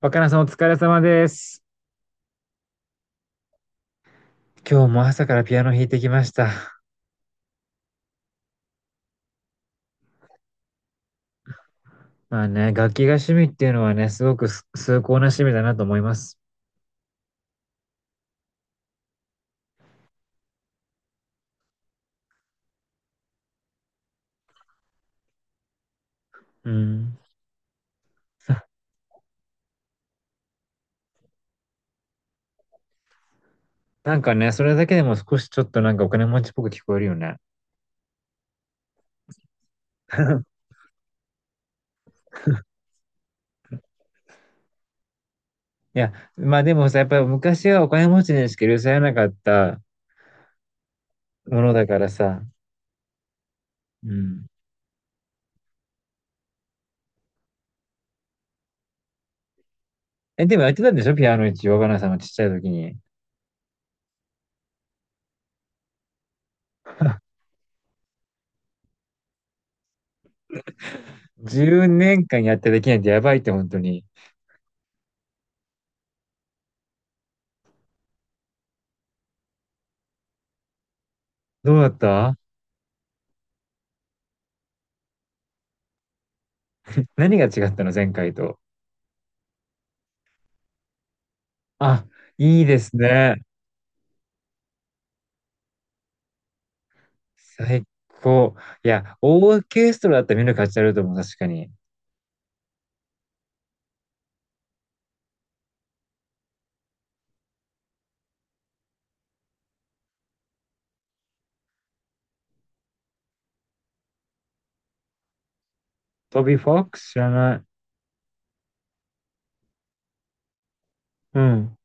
若菜さんお疲れ様です。今日も朝からピアノ弾いてきました。まあね、楽器が趣味っていうのはね、すごく崇高な趣味だなと思います。うん。なんかね、それだけでも少しちょっとなんかお金持ちっぽく聞こえるよね。いや、まあでもさ、やっぱり昔はお金持ちにしか許されなかったものだからさ。うん。え、でもやってたんでしょピアノ一応、若菜さんのちっちゃい時に。10年間やってできないってやばいって本当に。どうだった？何が違ったの前回と？あ、いいですね。最高。いや、オーケストラだったら見る価値あると思う、確かに。トビー・フォックス知らない。うん、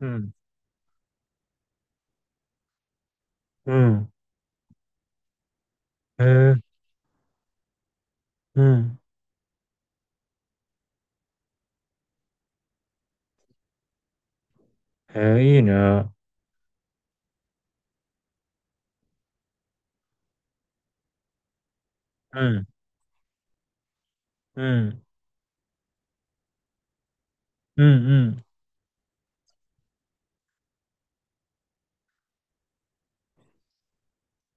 うん、うん。へえ、うん。へえ、いいね。うん、うん、うん、うん。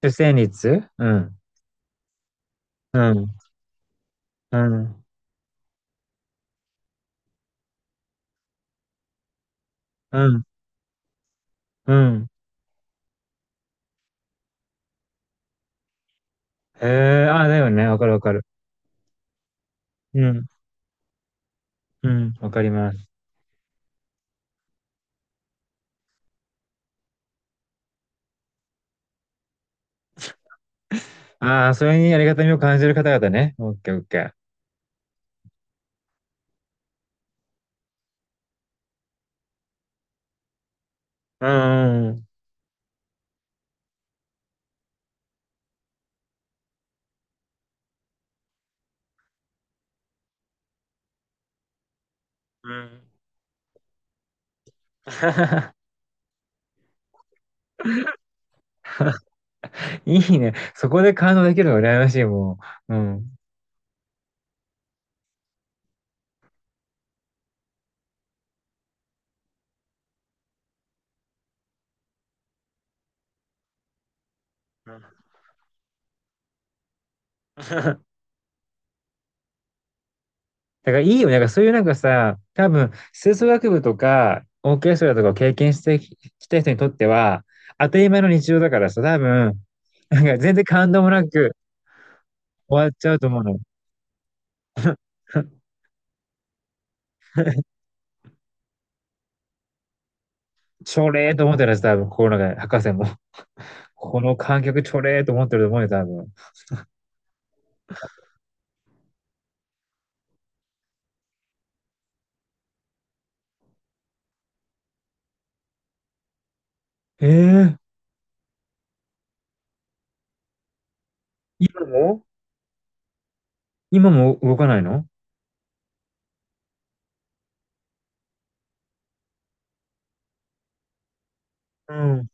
出生率うん、うん、うん、うん、うん。へえ、あ、だよね。わかるわかる。うん、うん、わかります。ああ、それにありがたみを感じる方々ね。オッケーオッケー。うん、うん、うん。いいね。そこで感動できるの羨ましい、もう。うん。うんだからいいよ。なんかそういうなんかさ、多分、吹奏楽部とか、オーケストラとかを経験してききた人にとっては、当たり前の日常だからさ、多分、なんか全然感動もなく終わっちゃうと思うの。ちょれーと思ってるやつ、多分、心の中で、博士も。この観客ちょれーと思ってると思うよ、多分。ええ、今も？今も動かないの？うん。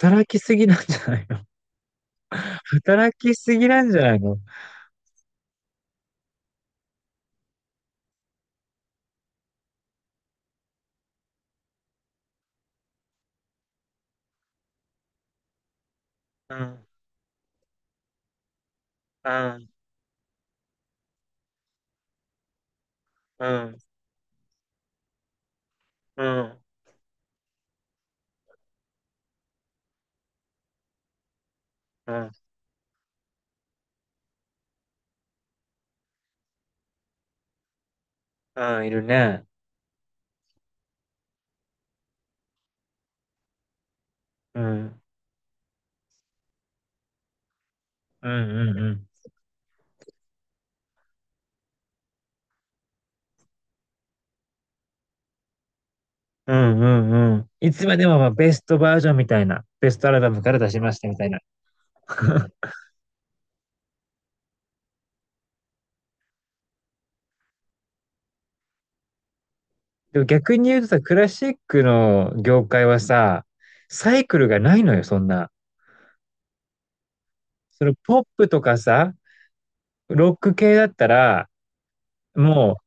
働きすぎなんじゃない？働きすぎなんじゃないの？うん、うん、うん、うん、うん、うん、いるね。うん、うん、うん、うん。うん、うん、うん。いつまでもまあベストバージョンみたいな。ベストアルバムから出しましたみたいな。でも逆に言うとさ、クラシックの業界はさ、サイクルがないのよ、そんな。そのポップとかさ、ロック系だったら、も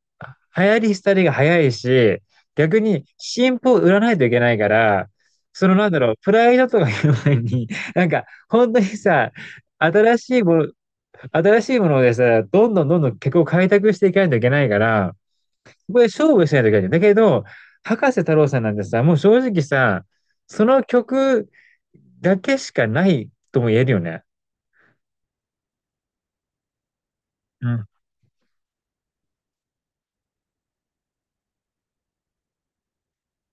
う、流行り廃りが早いし、逆に新譜を売らないといけないから、そのなんだろう、プライドとかいう前に、なんか、本当にさ、新しいもの、新しいものでさ、どんどんどんどん曲を開拓していかないといけないから、ここで勝負しないといけない。んだよだけど、博士太郎さんなんてさ、もう正直さ、その曲だけしかないとも言えるよね。うん。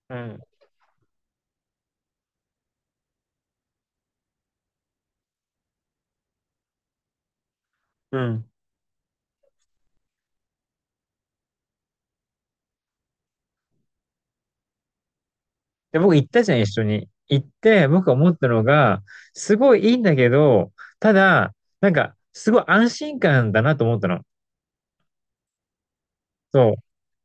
うん。うんで、僕行ったじゃん、一緒に。行って、僕が思ったのが、すごいいいんだけど、ただ、なんか、すごい安心感だなと思ったの。そう。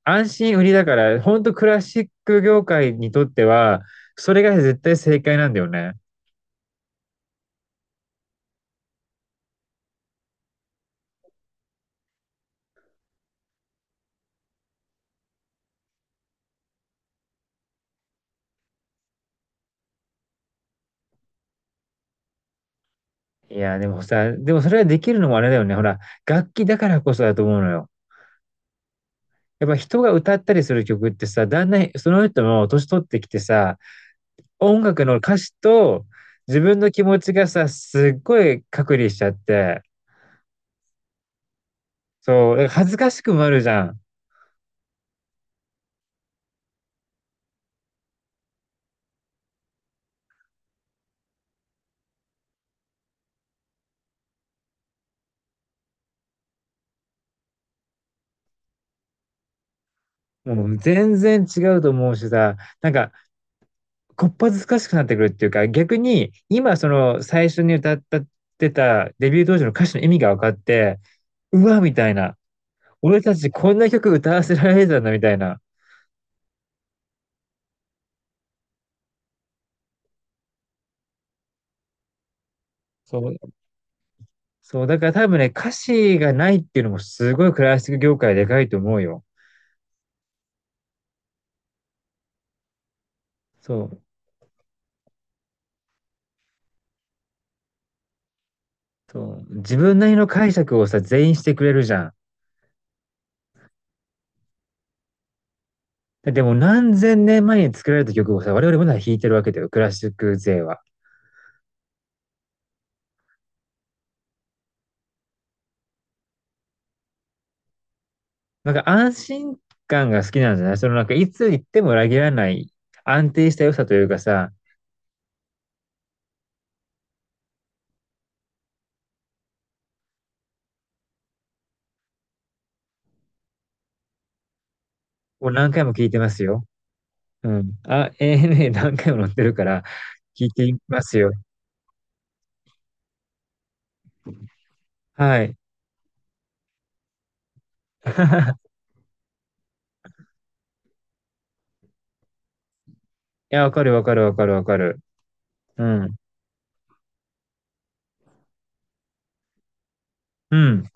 安心売りだから、ほんとクラシック業界にとっては、それが絶対正解なんだよね。いや、でもさ、でもそれができるのもあれだよね。ほら、楽器だからこそだと思うのよ。やっぱ人が歌ったりする曲ってさ、だんだんその人も年取ってきてさ、音楽の歌詞と自分の気持ちがさ、すっごい隔離しちゃって、そう、だから恥ずかしくもあるじゃん。もう全然違うと思うしさ、なんか、こっぱずかしくなってくるっていうか、逆に、今、その、最初に歌ってた、デビュー当時の歌詞の意味が分かって、うわ、みたいな。俺たちこんな曲歌わせられてたんだ、みたいな。そう、そう、だから多分ね、歌詞がないっていうのもすごいクラシック業界でかいと思うよ。そう、そう。自分なりの解釈をさ、全員してくれるじゃん。でも何千年前に作られた曲をさ、我々まだ弾いてるわけだよ、クラシック勢は。なんか安心感が好きなんじゃない？そのなんかいつ行っても裏切らない安定した良さというかさ、もう何回も聴いてますよ。うん。あ、ANA 何回も乗ってるから聴いていますよ。はい。いや、わかるわかるわかるわかる。うん。うん。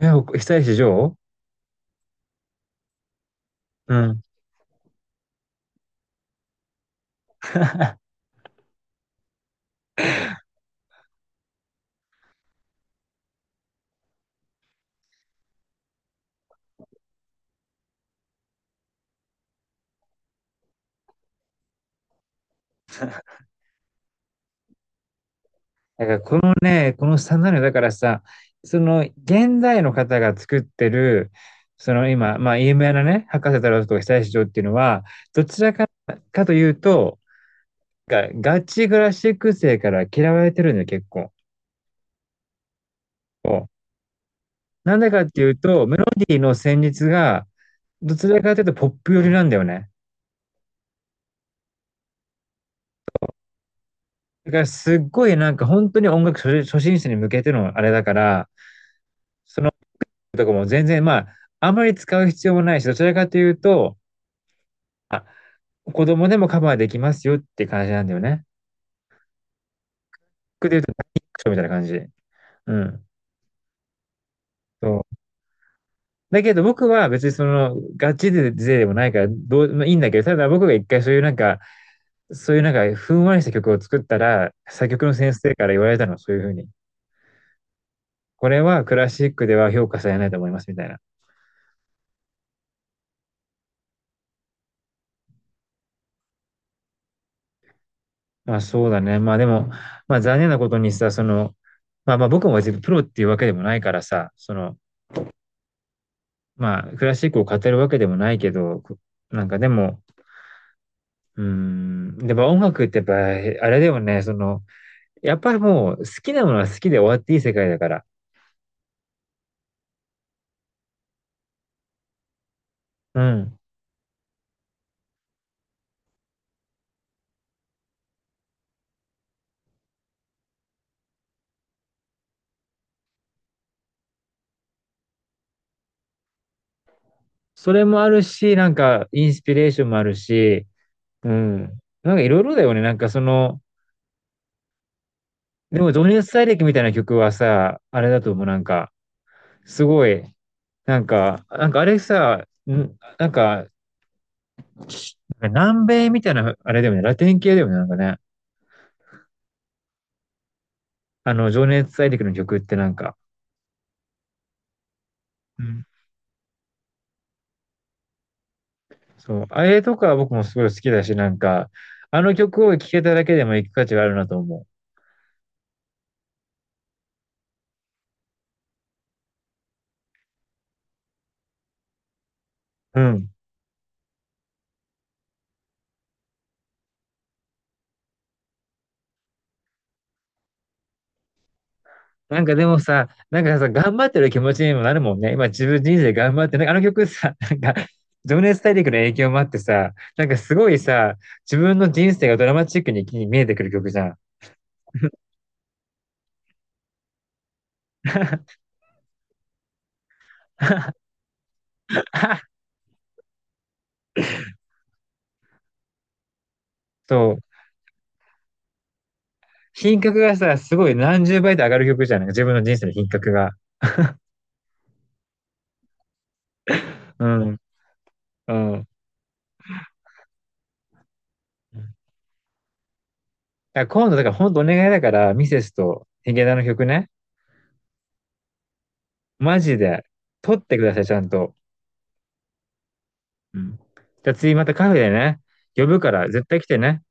え、お久石譲？うん。だからこのね、このスタンダードだからさ、その現代の方が作ってる、その今、まあ、有名なね、博士太郎とか久石譲っていうのは、どちらか、かというと、がガチクラシック生から嫌われてるんだよ、結構。なんでかっていうと、メロディーの旋律が、どちらかというとポップ寄りなんだよね。だからすっごいなんか本当に音楽初心者に向けてのあれだから、そのとかも全然まあ、あまり使う必要もないし、どちらかというと、あ、子供でもカバーできますよって感じなんだよね。クソみたいな感じ。うん。そう。だけど僕は別にその、ガチで勢でもないから、どう、まあ、いいんだけど、ただ僕が一回そういうなんか、そういうなんか、ふんわりした曲を作ったら、作曲の先生から言われたの、そういうふうに。これはクラシックでは評価されないと思います、みたいな。まあそうだね。まあでも、まあ残念なことにさ、その、まあまあ僕も別にプロっていうわけでもないからさ、その、まあクラシックを語るわけでもないけど、なんかでも、うーん。でも音楽ってやっぱ、あれだよね、その、やっぱりもう好きなものは好きで終わっていい世界だから。うん。それもあるし、なんかインスピレーションもあるし、うん。なんかいろいろだよね。なんかその、でも情熱大陸みたいな曲はさ、あれだと思う。なんか、すごい、なんか、なんかあれさ、んなんか、南米みたいな、あれだよね。ラテン系だよね。なんかね。あの、情熱大陸の曲ってなんか。うんそう、あれとか僕もすごい好きだし、なんか、あの曲を聴けただけでも行く価値があるなと思う。うん。なんかでもさ、なんかさ、頑張ってる気持ちにもなるもんね。今自分人生頑張って、なんかあの曲さ、なんか、情熱大陸の影響もあってさ、なんかすごいさ、自分の人生がドラマチックに見えてくる曲じゃん。そう。品格がさ、すごい何十倍と上がる曲じゃん。なんか自分の人生の品格が。うん。うん。だから今度、だから本当お願いだから、ミセスとヒゲダンの曲ね。マジで。取ってください、ちゃんと。うん。じゃあ次またカフェでね、呼ぶから絶対来てね。